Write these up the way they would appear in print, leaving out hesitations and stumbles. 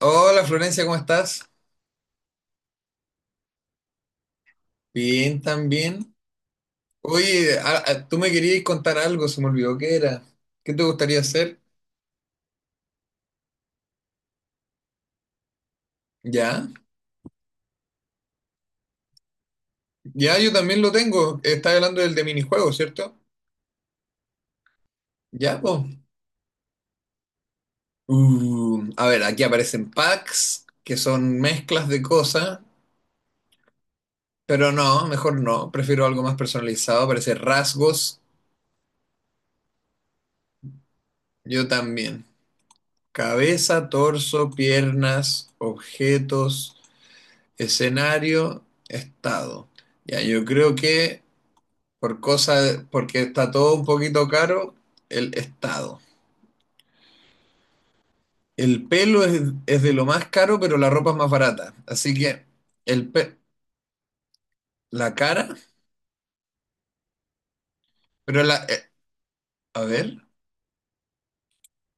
Hola Florencia, ¿cómo estás? Bien, también. Oye, tú me querías contar algo, se me olvidó qué era. ¿Qué te gustaría hacer? Ya, ya, yo también lo tengo. Estás hablando del de minijuegos, ¿cierto? Ya, pues. A ver, aquí aparecen packs, que son mezclas de cosas, pero no, mejor no. Prefiero algo más personalizado, aparecen rasgos. Yo también. Cabeza, torso, piernas, objetos. Escenario, estado. Ya, yo creo que por cosa, porque está todo un poquito caro, el estado. El pelo es de lo más caro, pero la ropa es más barata. Así que el pe- la cara, pero la, a ver.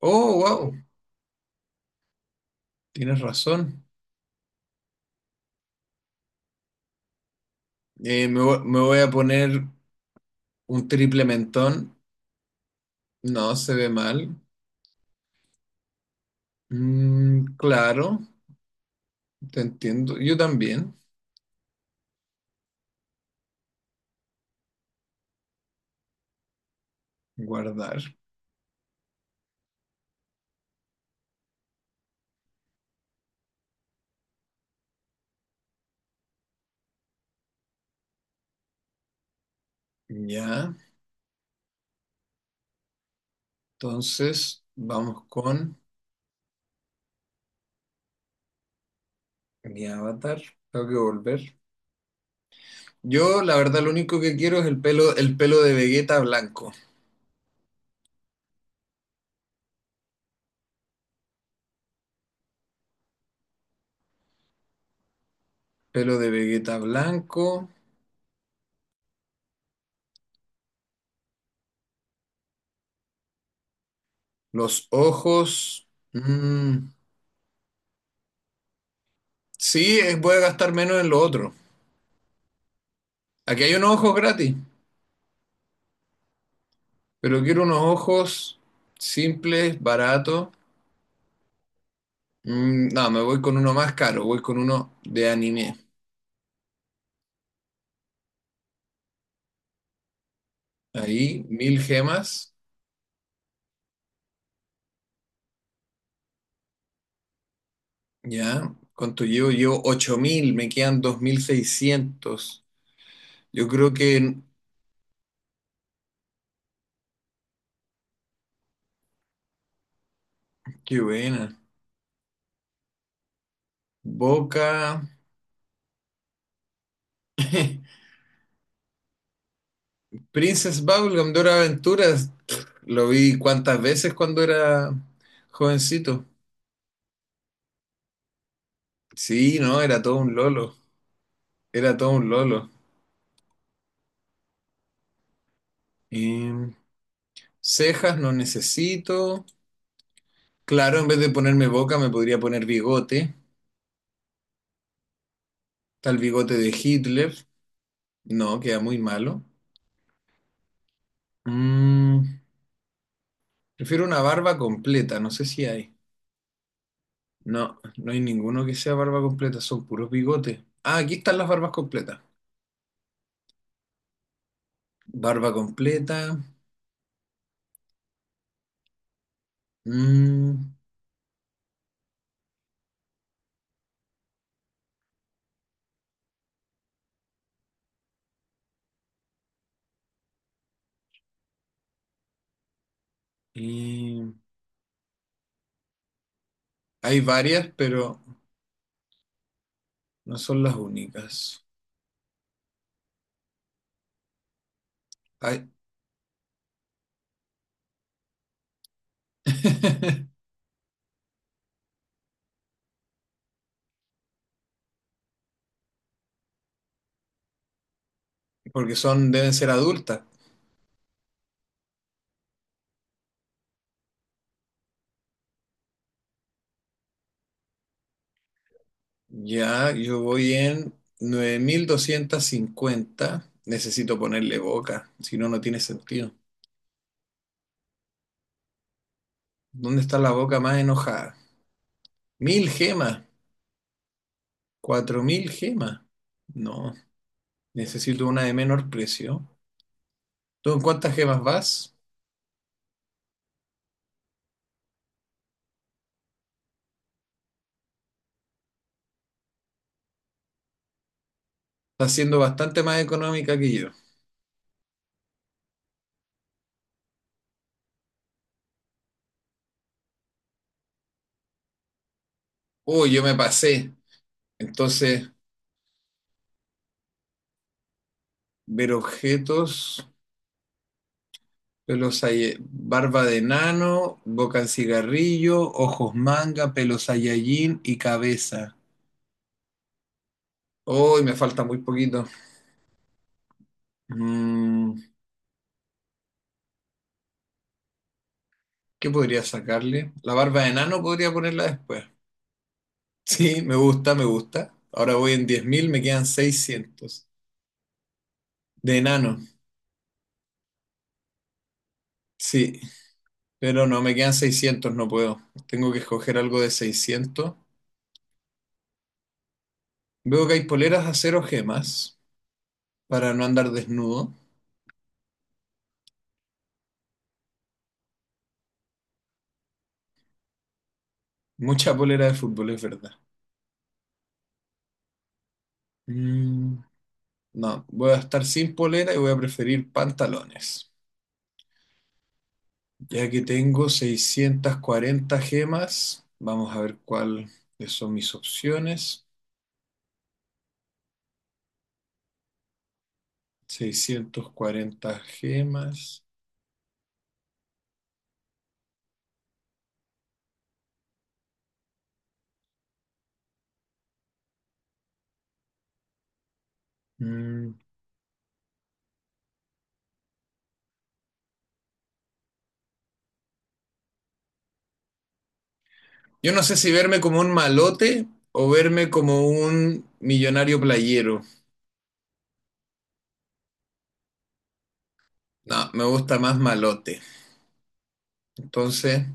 Oh, wow. Tienes razón. Me voy a poner un triple mentón. No, se ve mal. Mm, claro, te entiendo. Yo también. Guardar. Ya. Entonces, vamos con mi avatar. Tengo que volver. Yo, la verdad, lo único que quiero es el pelo de Vegeta blanco. Pelo de Vegeta blanco, los ojos. mm, sí, voy a gastar menos en lo otro. Aquí hay unos ojos gratis, pero quiero unos ojos simples, baratos. Mm, no, me voy con uno más caro, voy con uno de anime. Ahí, 1.000 gemas. Ya, ¿cuánto llevo? Llevo 8.000, me quedan 2.600. Yo creo que. Qué buena. Boca. Princess Bubblegum de Hora de Aventuras. Lo vi cuántas veces cuando era jovencito. Sí, no, era todo un lolo. Era todo un lolo. Em, cejas no necesito. Claro, en vez de ponerme boca me podría poner bigote. Tal bigote de Hitler. No, queda muy malo. Mm, prefiero una barba completa, no sé si hay. No, no hay ninguno que sea barba completa, son puros bigotes. Ah, aquí están las barbas completas. Barba completa. Mm, y hay varias, pero no son las únicas. Hay- porque son, deben ser adultas. Ya, yo voy en 9.250. Necesito ponerle boca, si no, no tiene sentido. ¿Dónde está la boca más enojada? 1.000 gemas. ¿4.000 gemas? No, necesito una de menor precio. ¿Tú en cuántas gemas vas? Está siendo bastante más económica que yo. Uy, yo me pasé. Entonces, ver objetos, pelos barba de nano, boca en cigarrillo, ojos manga, pelos Saiyajin y cabeza. Uy, me falta muy poquito. Mm, ¿qué podría sacarle? La barba de nano podría ponerla después. Sí, me gusta, me gusta. Ahora voy en 10.000, me quedan 600. De enano, sí, pero no, me quedan 600, no puedo. Tengo que escoger algo de 600. Veo que hay poleras de acero gemas para no andar desnudo. Mucha polera de fútbol, es verdad. Mm, no, voy a estar sin polera y voy a preferir pantalones. Ya que tengo 640 gemas, vamos a ver cuáles son mis opciones. 640 gemas. Mm, yo no sé si verme como un malote o verme como un millonario playero. No, me gusta más malote. Entonces,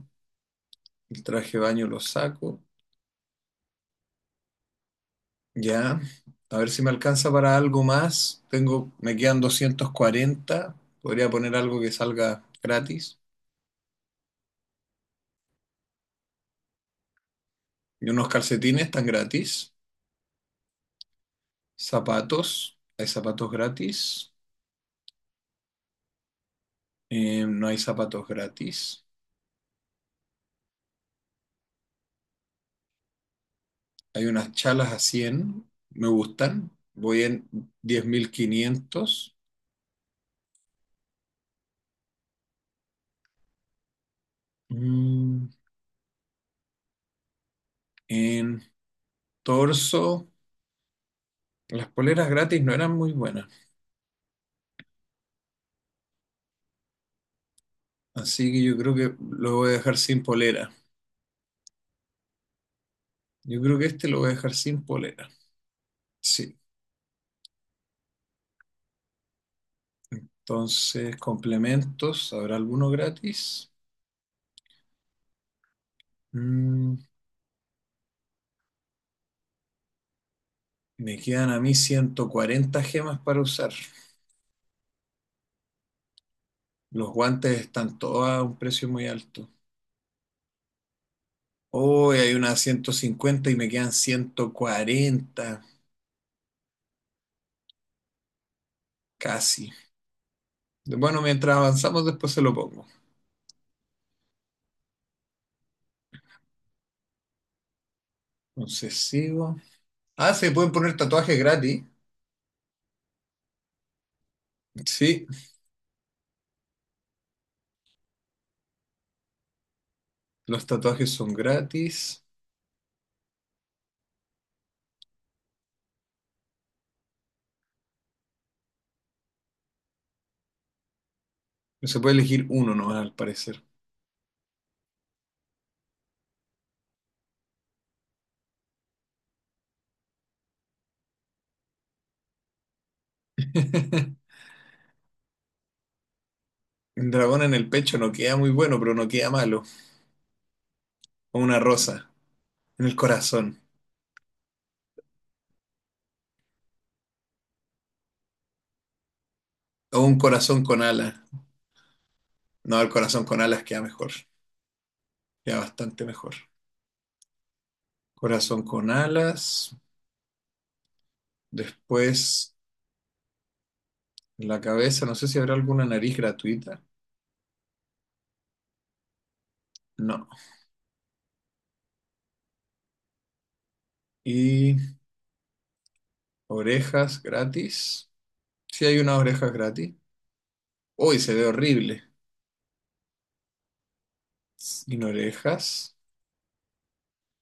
el traje de baño lo saco. Ya. A ver si me alcanza para algo más. Tengo, me quedan 240. Podría poner algo que salga gratis. Y unos calcetines están gratis. Zapatos. Hay zapatos gratis. No hay zapatos gratis. Hay unas chalas a 100, me gustan. Voy en 10.500. Mm, en torso, las poleras gratis no eran muy buenas. Así que yo creo que lo voy a dejar sin polera. Yo creo que este lo voy a dejar sin polera. Sí. Entonces, complementos, ¿habrá alguno gratis? Mm, me quedan a mí 140 gemas para usar. Los guantes están todos a un precio muy alto. Hoy hay unas 150 y me quedan 140 casi. Bueno, mientras avanzamos, después se lo pongo. Entonces sigo. Ah, se pueden poner tatuajes gratis. Sí, los tatuajes son gratis. Se puede elegir uno nomás, al parecer. Un dragón en el pecho no queda muy bueno, pero no queda malo. O una rosa en el corazón. O un corazón con alas. No, el corazón con alas queda mejor. Queda bastante mejor. Corazón con alas. Después, en la cabeza, no sé si habrá alguna nariz gratuita. No. Y orejas gratis. Sí hay unas orejas gratis. Uy, se ve horrible. Sin orejas.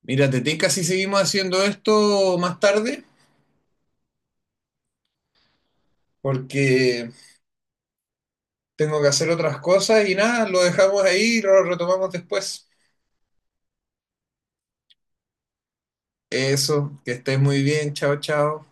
Mira, te tinca si seguimos haciendo esto más tarde, porque tengo que hacer otras cosas y nada, lo dejamos ahí y lo retomamos después. Eso, que estés muy bien. Chao, chao.